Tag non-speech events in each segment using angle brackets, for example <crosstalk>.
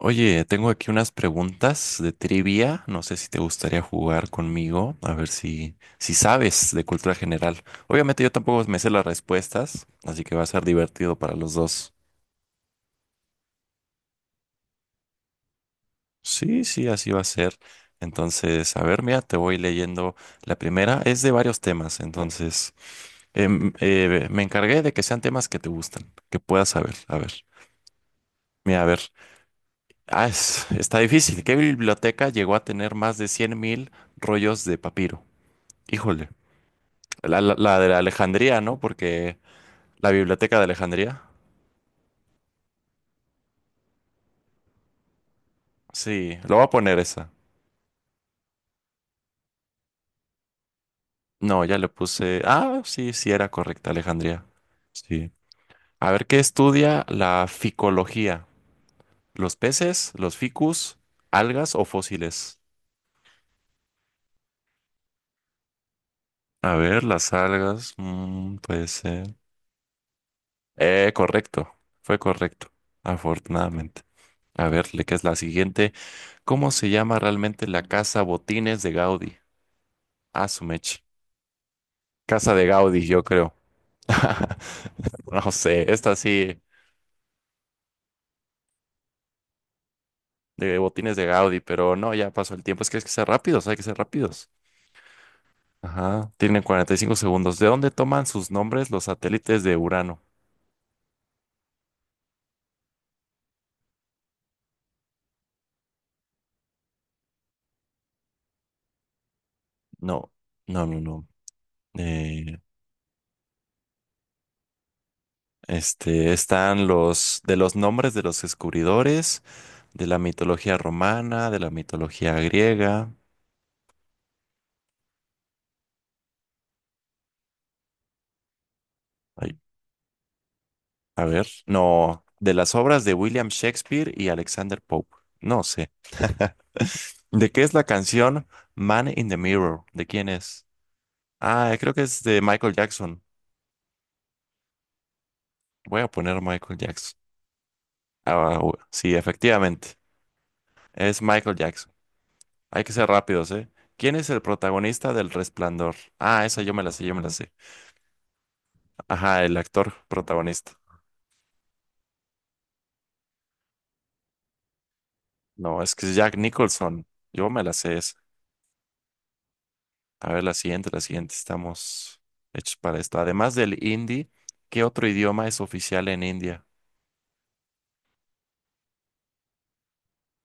Oye, tengo aquí unas preguntas de trivia. No sé si te gustaría jugar conmigo, a ver si sabes de cultura general. Obviamente yo tampoco me sé las respuestas, así que va a ser divertido para los dos. Sí, sí, así va a ser. Entonces, a ver, mira, te voy leyendo. La primera es de varios temas, entonces me encargué de que sean temas que te gustan, que puedas saber. A ver, mira, a ver. Está difícil. ¿Qué biblioteca llegó a tener más de 100.000 rollos de papiro? Híjole, la de la Alejandría, ¿no? Porque la biblioteca de Alejandría. Sí, lo voy a poner esa. No, ya le puse. Ah, sí, sí era correcta, Alejandría. Sí. A ver, ¿qué estudia la ficología? ¿Los peces, los ficus, algas o fósiles? A ver, las algas. Puede ser. Correcto. Fue correcto, afortunadamente. A ver, ¿le ¿qué es la siguiente? ¿Cómo se llama realmente la casa Botines de Gaudí? Ah, su mecha. Casa de Gaudí, yo creo. <laughs> No sé, esta sí, de botines de Gaudí, pero no, ya pasó el tiempo. Es que hay que ser rápidos, hay que ser rápidos. Ajá, tienen 45 segundos. ¿De dónde toman sus nombres los satélites de Urano? No, no, no, no. Eh, este, están los de los nombres de los descubridores, de la mitología romana, de la mitología griega. Ay, a ver, no, de las obras de William Shakespeare y Alexander Pope. No sé. ¿De qué es la canción Man in the Mirror? ¿De quién es? Ah, creo que es de Michael Jackson. Voy a poner Michael Jackson. Sí, efectivamente. Es Michael Jackson. Hay que ser rápidos, ¿eh? ¿Quién es el protagonista del Resplandor? Ah, esa yo me la sé, yo me la sé. Ajá, el actor protagonista. No, es que es Jack Nicholson. Yo me la sé esa. A ver, la siguiente, la siguiente. Estamos hechos para esto. Además del hindi, ¿qué otro idioma es oficial en India?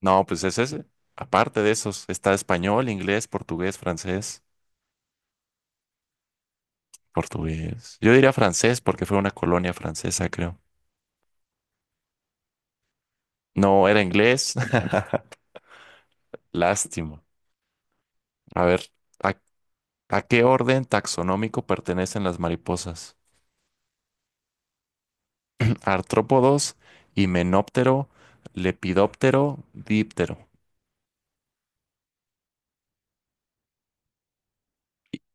No, pues ese es, aparte de esos, está español, inglés, portugués, francés, portugués. Yo diría francés porque fue una colonia francesa, creo. No, era inglés. <laughs> Lástimo. A ver, ¿a, a qué orden taxonómico pertenecen las mariposas? <clears throat> Artrópodos, himenóptero, lepidóptero, díptero.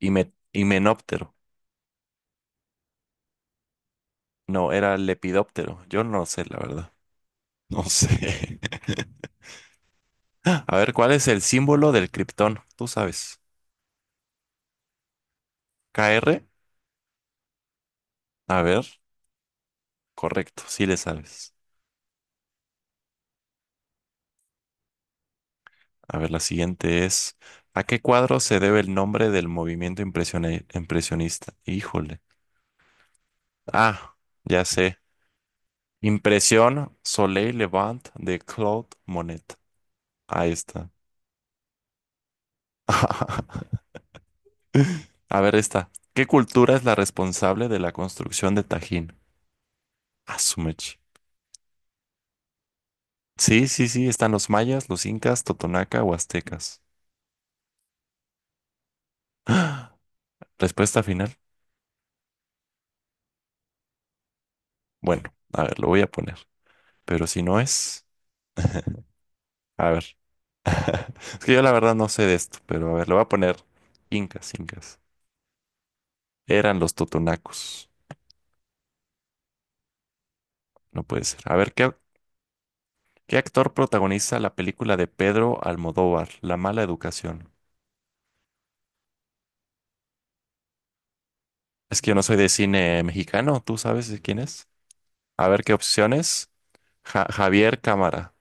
Himenóptero. No, era lepidóptero. Yo no sé, la verdad. No sé. <laughs> A ver, ¿cuál es el símbolo del criptón? Tú sabes. K r. A ver, correcto, sí le sabes. A ver, la siguiente es, ¿a qué cuadro se debe el nombre del movimiento impresionista? Híjole. Ah, ya sé. Impresión Soleil Levant de Claude Monet. Ahí está. <laughs> A ver, esta. ¿Qué cultura es la responsable de la construcción de Tajín? Azumech. Sí, sí, sí, están los mayas, los incas, totonaca o aztecas. <gasps> Respuesta final. Bueno, a ver, lo voy a poner. Pero si no es... A ver. <laughs> Es que yo la verdad no sé de esto, pero a ver, le voy a poner incas, incas. Eran los totonacos. No puede ser. A ver, ¿qué, qué actor protagoniza la película de Pedro Almodóvar, La mala educación? Es que yo no soy de cine mexicano, ¿tú sabes de quién es? A ver, ¿qué opciones? Javier Cámara,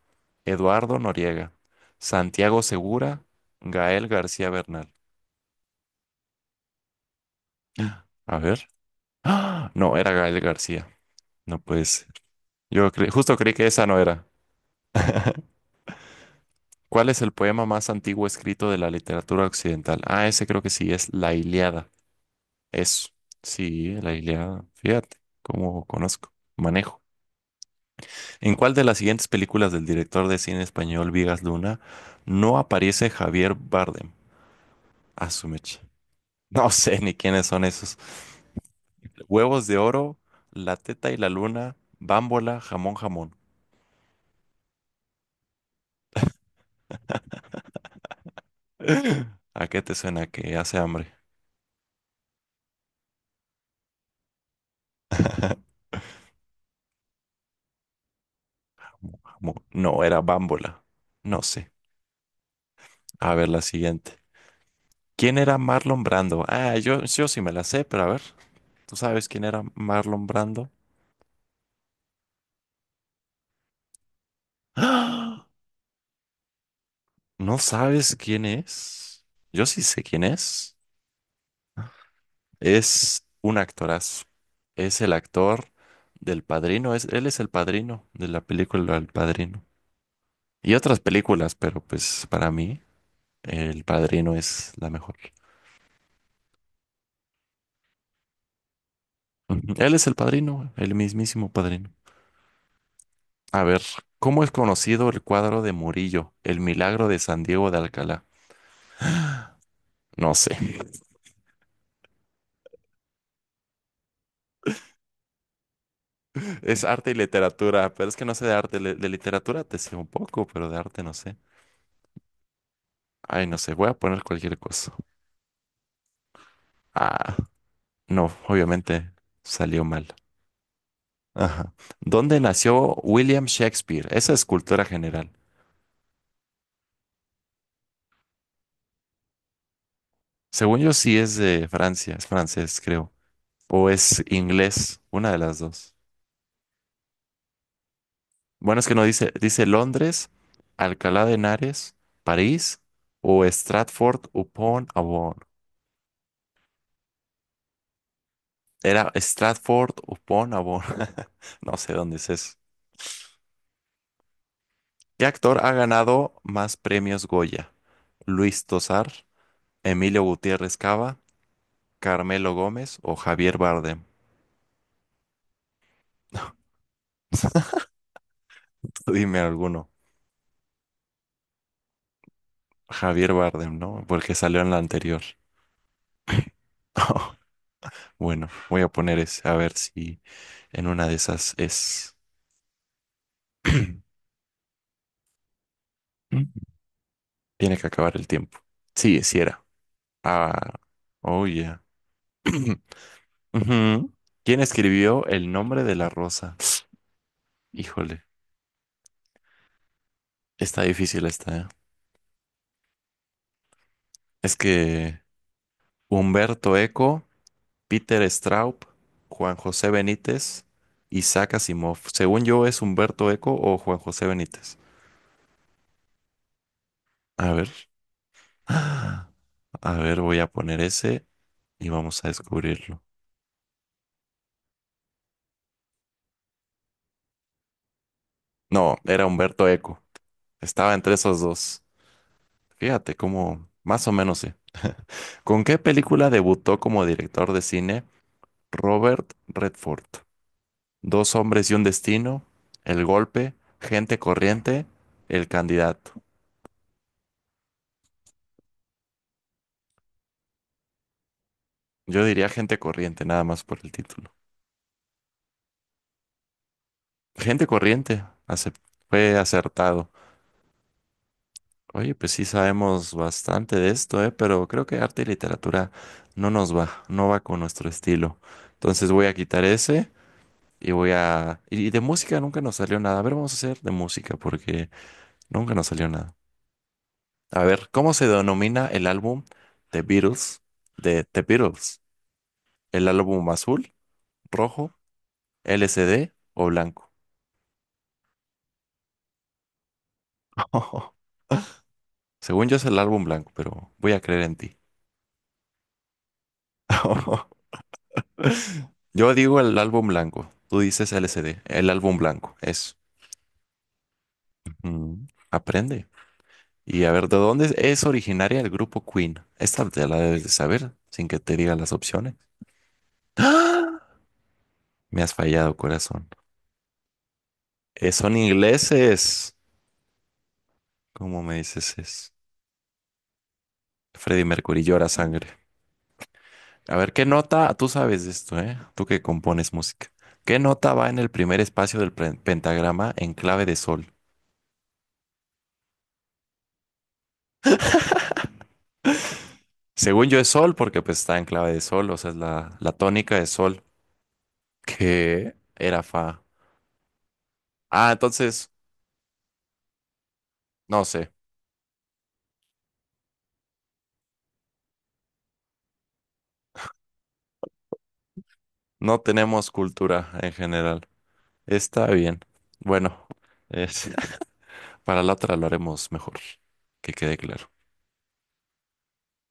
Eduardo Noriega, Santiago Segura, Gael García Bernal. <gasps> Ah. A ver. <gasps> ¡Ah! No, era Gael García. No puede ser. Justo creí que esa no era. ¿Cuál es el poema más antiguo escrito de la literatura occidental? Ah, ese creo que sí, es La Ilíada. Eso. Sí, La Ilíada. Fíjate cómo conozco, manejo. ¿En cuál de las siguientes películas del director de cine español Vigas Luna no aparece Javier Bardem? A su mecha. <laughs> No sé ni quiénes son esos. Huevos de oro, La teta y la luna, Bámbola, jamón, jamón. <laughs> ¿A qué te suena que hace hambre? <laughs> Jamón. Jamón. No, era bámbola. No sé. A ver, la siguiente. ¿Quién era Marlon Brando? Ah, yo sí me la sé, pero a ver, ¿tú sabes quién era Marlon Brando? <gasps> ¡Ah! ¿No sabes quién es? Yo sí sé quién es. Es un actorazo. Es el actor del Padrino. Es, él es el padrino de la película El Padrino. Y otras películas, pero pues para mí El Padrino es la mejor. <laughs> Ujú. Él es el padrino, el mismísimo padrino. A ver, ¿cómo es conocido el cuadro de Murillo, El milagro de San Diego de Alcalá? No sé. <laughs> Es arte y literatura, pero es que no sé de arte. De literatura te sé un poco, pero de arte no sé. Ay, no sé, voy a poner cualquier cosa. Ah, no, obviamente salió mal. Ajá. ¿Dónde nació William Shakespeare? Esa es cultura general. Según yo sí es de Francia, es francés, creo. O es inglés, una de las dos. Bueno, es que no dice, dice Londres, Alcalá de Henares, París o Stratford upon Avon. Era Stratford upon Avon. <laughs> No sé dónde es eso. ¿Qué actor ha ganado más premios Goya? ¿Luis Tosar, Emilio Gutiérrez Cava, Carmelo Gómez o Javier Bardem? <laughs> Tú dime alguno. Javier Bardem, ¿no? Porque salió en la anterior. <laughs> Bueno, voy a poner ese, a ver si en una de esas es. <clears throat> Mm. Tiene que acabar el tiempo. Sí, sí era. Ah, oh yeah. <clears throat> Ujú. ¿Quién escribió El nombre de la rosa? Híjole, está difícil esta, ¿eh? Es que Humberto Eco, Peter Straub, Juan José Benítez, Isaac Asimov. Según yo, es Humberto Eco o Juan José Benítez. A ver. Ah, a ver, voy a poner ese y vamos a descubrirlo. No, era Humberto Eco. Estaba entre esos dos. Fíjate cómo, más o menos sí. ¿Con qué película debutó como director de cine Robert Redford? Dos hombres y un destino, El golpe, Gente corriente, El candidato. Yo diría Gente corriente, nada más por el título. Gente corriente, acep- Fue acertado. Oye, pues sí sabemos bastante de esto, ¿eh? Pero creo que arte y literatura no nos va, no va con nuestro estilo. Entonces voy a quitar ese. Y voy a... Y de música nunca nos salió nada. A ver, vamos a hacer de música porque nunca nos salió nada. A ver, ¿cómo se denomina el álbum The Beatles de The Beatles? ¿El álbum azul, rojo, LCD o blanco? <laughs> Según yo es el álbum blanco, pero voy a creer en ti. <laughs> Yo digo el álbum blanco. Tú dices LCD. El álbum blanco. Eso. Aprende. Y a ver, ¿de dónde es originaria el grupo Queen? Esta te la debes de saber sin que te diga las opciones. ¡Ah! Me has fallado, corazón. Son ingleses. ¿Cómo me dices es? Freddie Mercury llora sangre. A ver, ¿qué nota? Tú sabes de esto, ¿eh? Tú que compones música. ¿Qué nota va en el primer espacio del pentagrama en clave de sol? Según yo es sol, porque pues está en clave de sol, o sea, es la tónica de sol, que era fa. Ah, entonces, no sé, no tenemos cultura en general. Está bien. Bueno, es... Para la otra lo haremos mejor, que quede claro.